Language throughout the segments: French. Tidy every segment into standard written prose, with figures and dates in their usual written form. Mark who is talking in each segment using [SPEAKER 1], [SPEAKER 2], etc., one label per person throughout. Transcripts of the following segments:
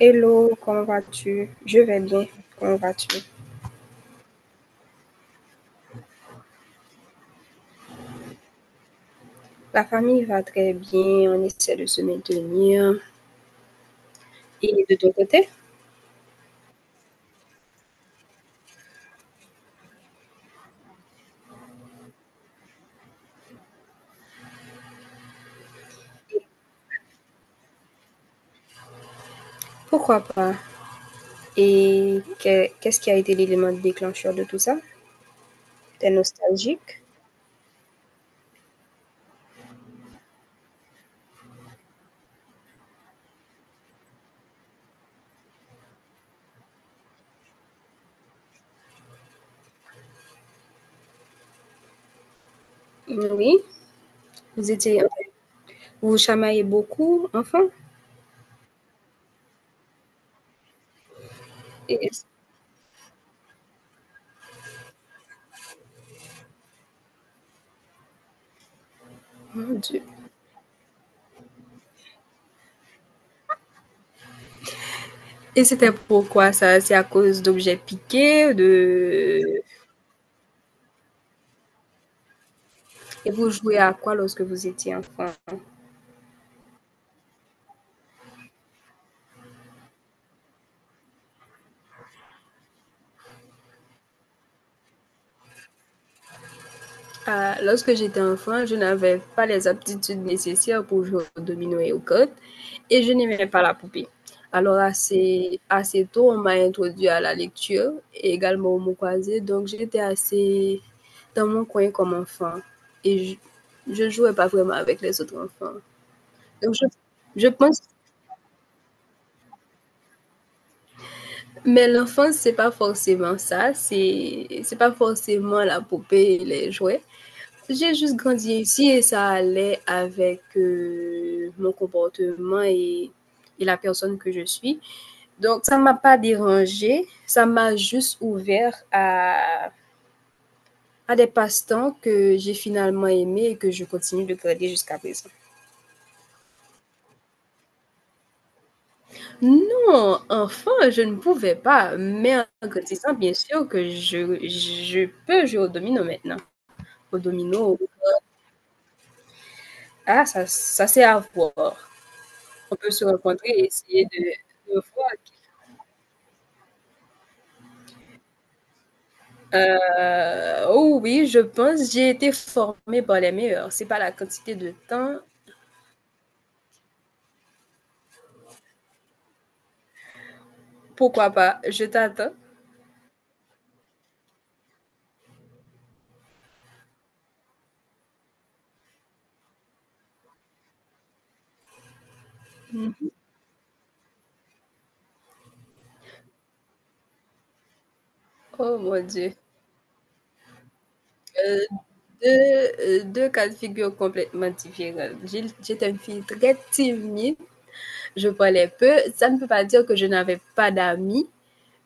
[SPEAKER 1] Hello, comment vas-tu? Je vais bien. Comment vas-tu? La famille va très bien. On essaie de se maintenir. Et de ton côté? Pourquoi pas? Qu'est-ce qui a été l'élément déclencheur de tout ça? T'es nostalgique? Oui. Vous étiez, Vous chamaillez beaucoup, enfin? Et, Mon Dieu. Et c'était pourquoi ça? C'est à cause d'objets piqués, de. Et vous jouez à quoi lorsque vous étiez enfant? Ah, lorsque j'étais enfant, je n'avais pas les aptitudes nécessaires pour jouer au domino et aux cartes et je n'aimais pas la poupée. Alors assez tôt, on m'a introduit à la lecture et également au mot croisé, donc j'étais assez dans mon coin comme enfant et je jouais pas vraiment avec les autres enfants. Donc je, je pense, mais l'enfance, c'est pas forcément ça, c'est pas forcément la poupée et les jouets. J'ai juste grandi ici et ça allait avec, mon comportement et la personne que je suis. Donc ça ne m'a pas dérangée, ça m'a juste ouvert à des passe-temps que j'ai finalement aimés et que je continue de garder jusqu'à présent. Non, enfin je ne pouvais pas, mais en grandissant, bien sûr que je peux jouer au domino maintenant. Au domino, ah ça ça c'est à voir. On peut se rencontrer et essayer de voir. Oh oui, je pense, j'ai été formée par les meilleurs. C'est pas la quantité de temps. Pourquoi pas? Je t'attends. Mmh. Oh mon Dieu, heu, 2 2 cas de figure complètement différents. J'étais une fille très timide, je parlais peu. Ça ne peut pas dire que je n'avais pas d'amis,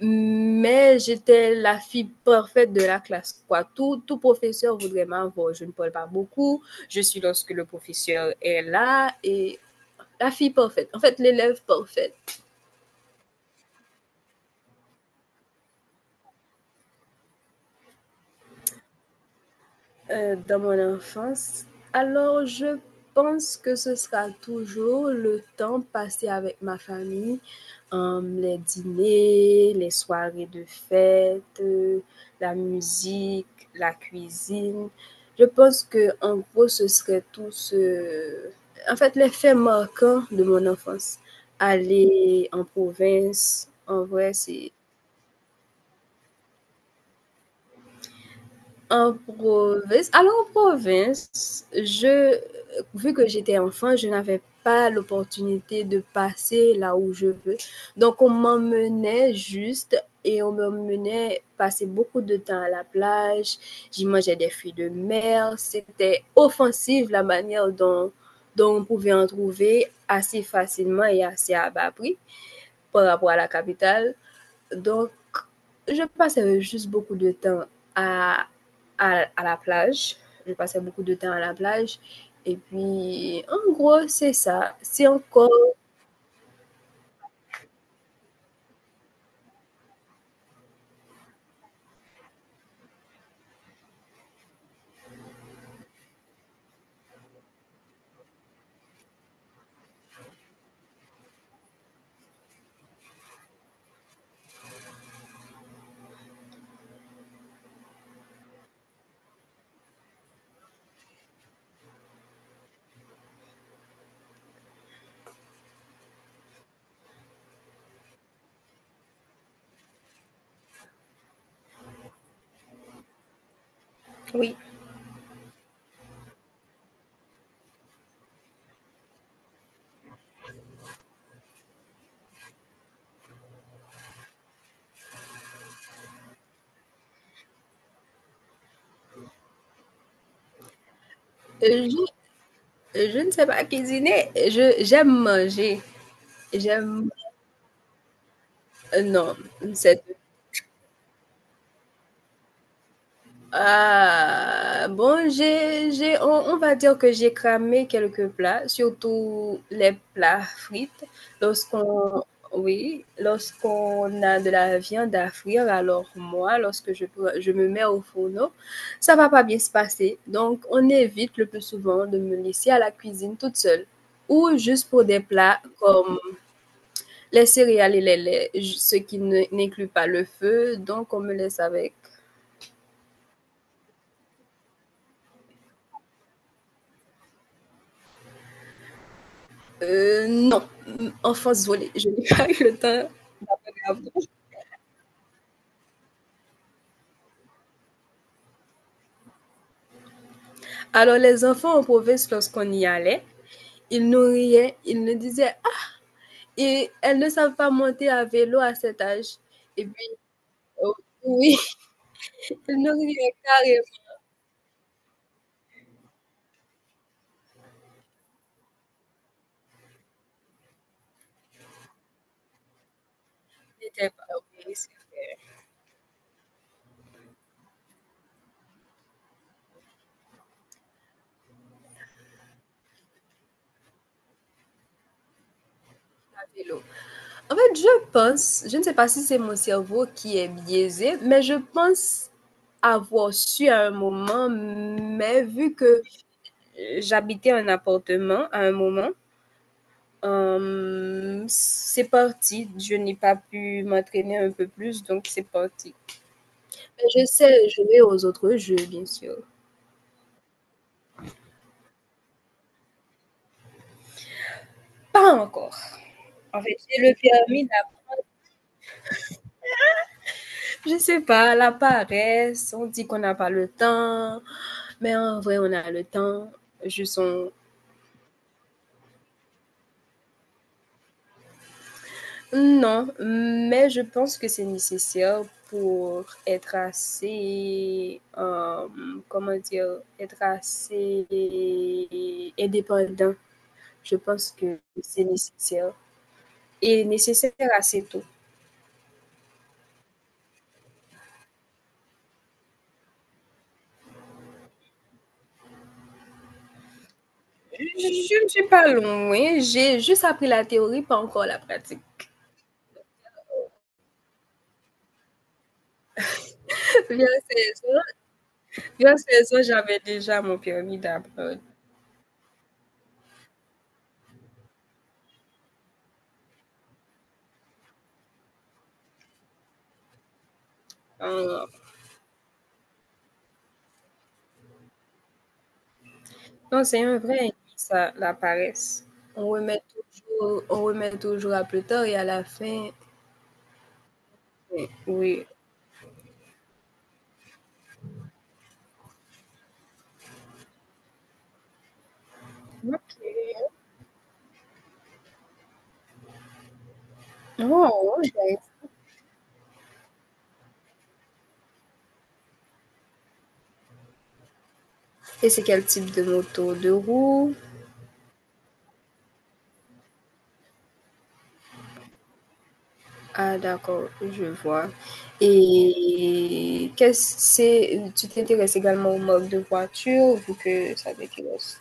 [SPEAKER 1] mais j'étais la fille parfaite de la classe, quoi. Tout professeur voudrait m'avoir. Je ne parle pas beaucoup, je suis lorsque le professeur est là et la fille parfaite. En fait, l'élève parfaite. Dans mon enfance. Alors, je pense que ce sera toujours le temps passé avec ma famille, les dîners, les soirées de fête, la musique, la cuisine. Je pense que en gros, ce serait tout ce. En fait, les faits marquants de mon enfance. Aller en province, en vrai, c'est en province. Alors en province, je vu que j'étais enfant, je n'avais pas l'opportunité de passer là où je veux. Donc on m'emmenait juste et on m'emmenait passer beaucoup de temps à la plage. J'y mangeais des fruits de mer. C'était offensif la manière dont on pouvait en trouver assez facilement et assez à bas prix par rapport à la capitale. Donc, je passais juste beaucoup de temps à, à la plage. Je passais beaucoup de temps à la plage. Et puis, en gros, c'est ça. C'est encore. Oui. euh, je ne sais pas cuisiner. J'aime manger. J'aime. Non, c'est Ah, bon, on va dire que j'ai cramé quelques plats, surtout les plats frites. Lorsqu'on, oui, lorsqu'on a de la viande à frire, alors moi, lorsque je me mets au fourneau, ça va pas bien se passer. Donc, on évite le plus souvent de me laisser à la cuisine toute seule. Ou juste pour des plats comme les céréales et les laits, ce qui n'inclut pas le feu. Donc, on me laisse avec. Non. Enfants, désolée, je n'ai pas eu le temps. Alors, les enfants en province, lorsqu'on y allait, ils nous riaient, ils nous disaient: Ah, et elles ne savent pas monter à vélo à cet âge. Et puis, oh, oui, ils nous riaient carrément. Ils n'étaient pas à vélo. En fait, je pense, je ne sais pas si c'est mon cerveau qui est biaisé, mais je pense avoir su à un moment, mais vu que j'habitais un appartement à un moment, c'est parti. Je n'ai pas pu m'entraîner un peu plus, donc c'est parti. Bah, je sais jouer aux autres jeux, bien sûr. Pas encore. En fait, j'ai le permis là. Je sais pas, la paresse, on dit qu'on n'a pas le temps, mais en vrai, on a le temps. Juste on. Non, mais je pense que c'est nécessaire pour être assez, comment dire? Être assez indépendant. Je pense que c'est nécessaire et nécessaire assez tôt. Je ne suis pas loin, j'ai juste appris la théorie, pas encore la pratique. Vers 16 ans, vers 16 ans, j'avais déjà mon permis d'apprendre. Euh, Non, c'est un vrai ça, la paresse. On remet toujours à plus tard et à la fin, eh, oui. Ok. Oh, ouais. Et c'est quel type de moto? De roue? Ah d'accord, je vois. Et qu'est-ce c'est tu t'intéresses également aux marques de voitures, vu que ça t'intéresse.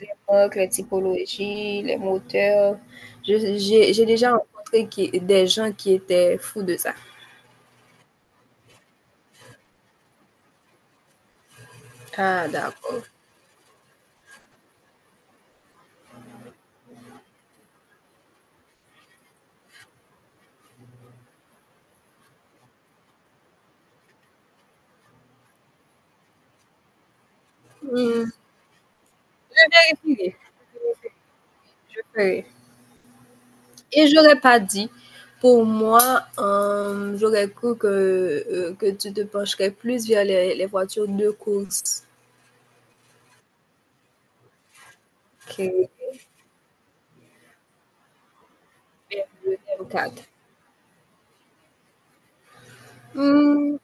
[SPEAKER 1] Les marques, les typologies, les moteurs. J'ai déjà rencontré des gens qui étaient fous de ça. Ah d'accord. Hmm, je vérifierai, je ferai. Et j'aurais pas dit, pour moi, j'aurais cru que tu te pencherais plus vers les voitures de course. 4. Hmm,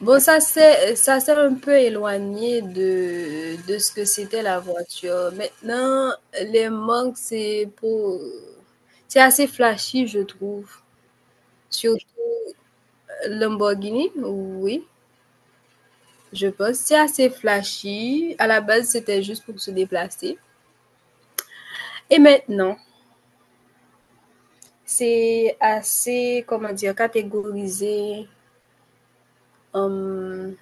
[SPEAKER 1] Bon, ça s'est un peu éloigné de ce que c'était la voiture. Maintenant, les manques, c'est assez flashy, je trouve. Surtout Lamborghini, oui, je pense. C'est assez flashy. À la base, c'était juste pour se déplacer. Et maintenant, c'est assez, comment dire, catégorisé en,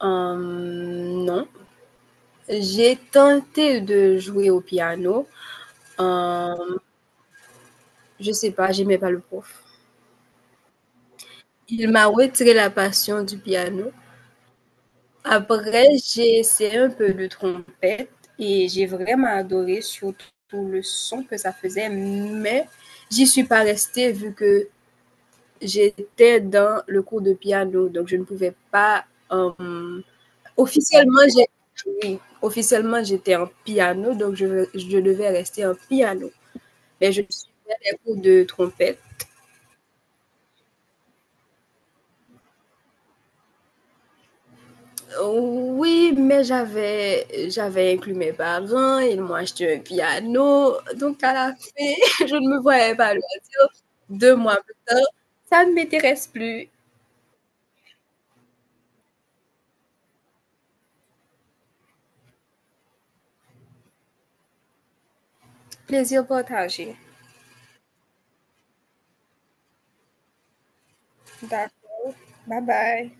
[SPEAKER 1] en nom. J'ai tenté de jouer au piano. Euh, je sais pas, j'aimais pas le prof. Il m'a retiré la passion du piano. Après, j'ai essayé un peu de trompette et j'ai vraiment adoré surtout le son que ça faisait, mais j'y suis pas restée vu que j'étais dans le cours de piano, donc je ne pouvais pas. Euh, officiellement, j'ai Oui, officiellement j'étais en piano, donc je devais rester en piano. Mais je suivais des cours de trompette. Oui, mais j'avais inclus mes parents, ils m'ont acheté un piano. Donc, à la fin, je ne me voyais pas le dire deux mois. Plus, Ça ne m'intéresse plus. Plaisir partagé. D'accord. Bye bye.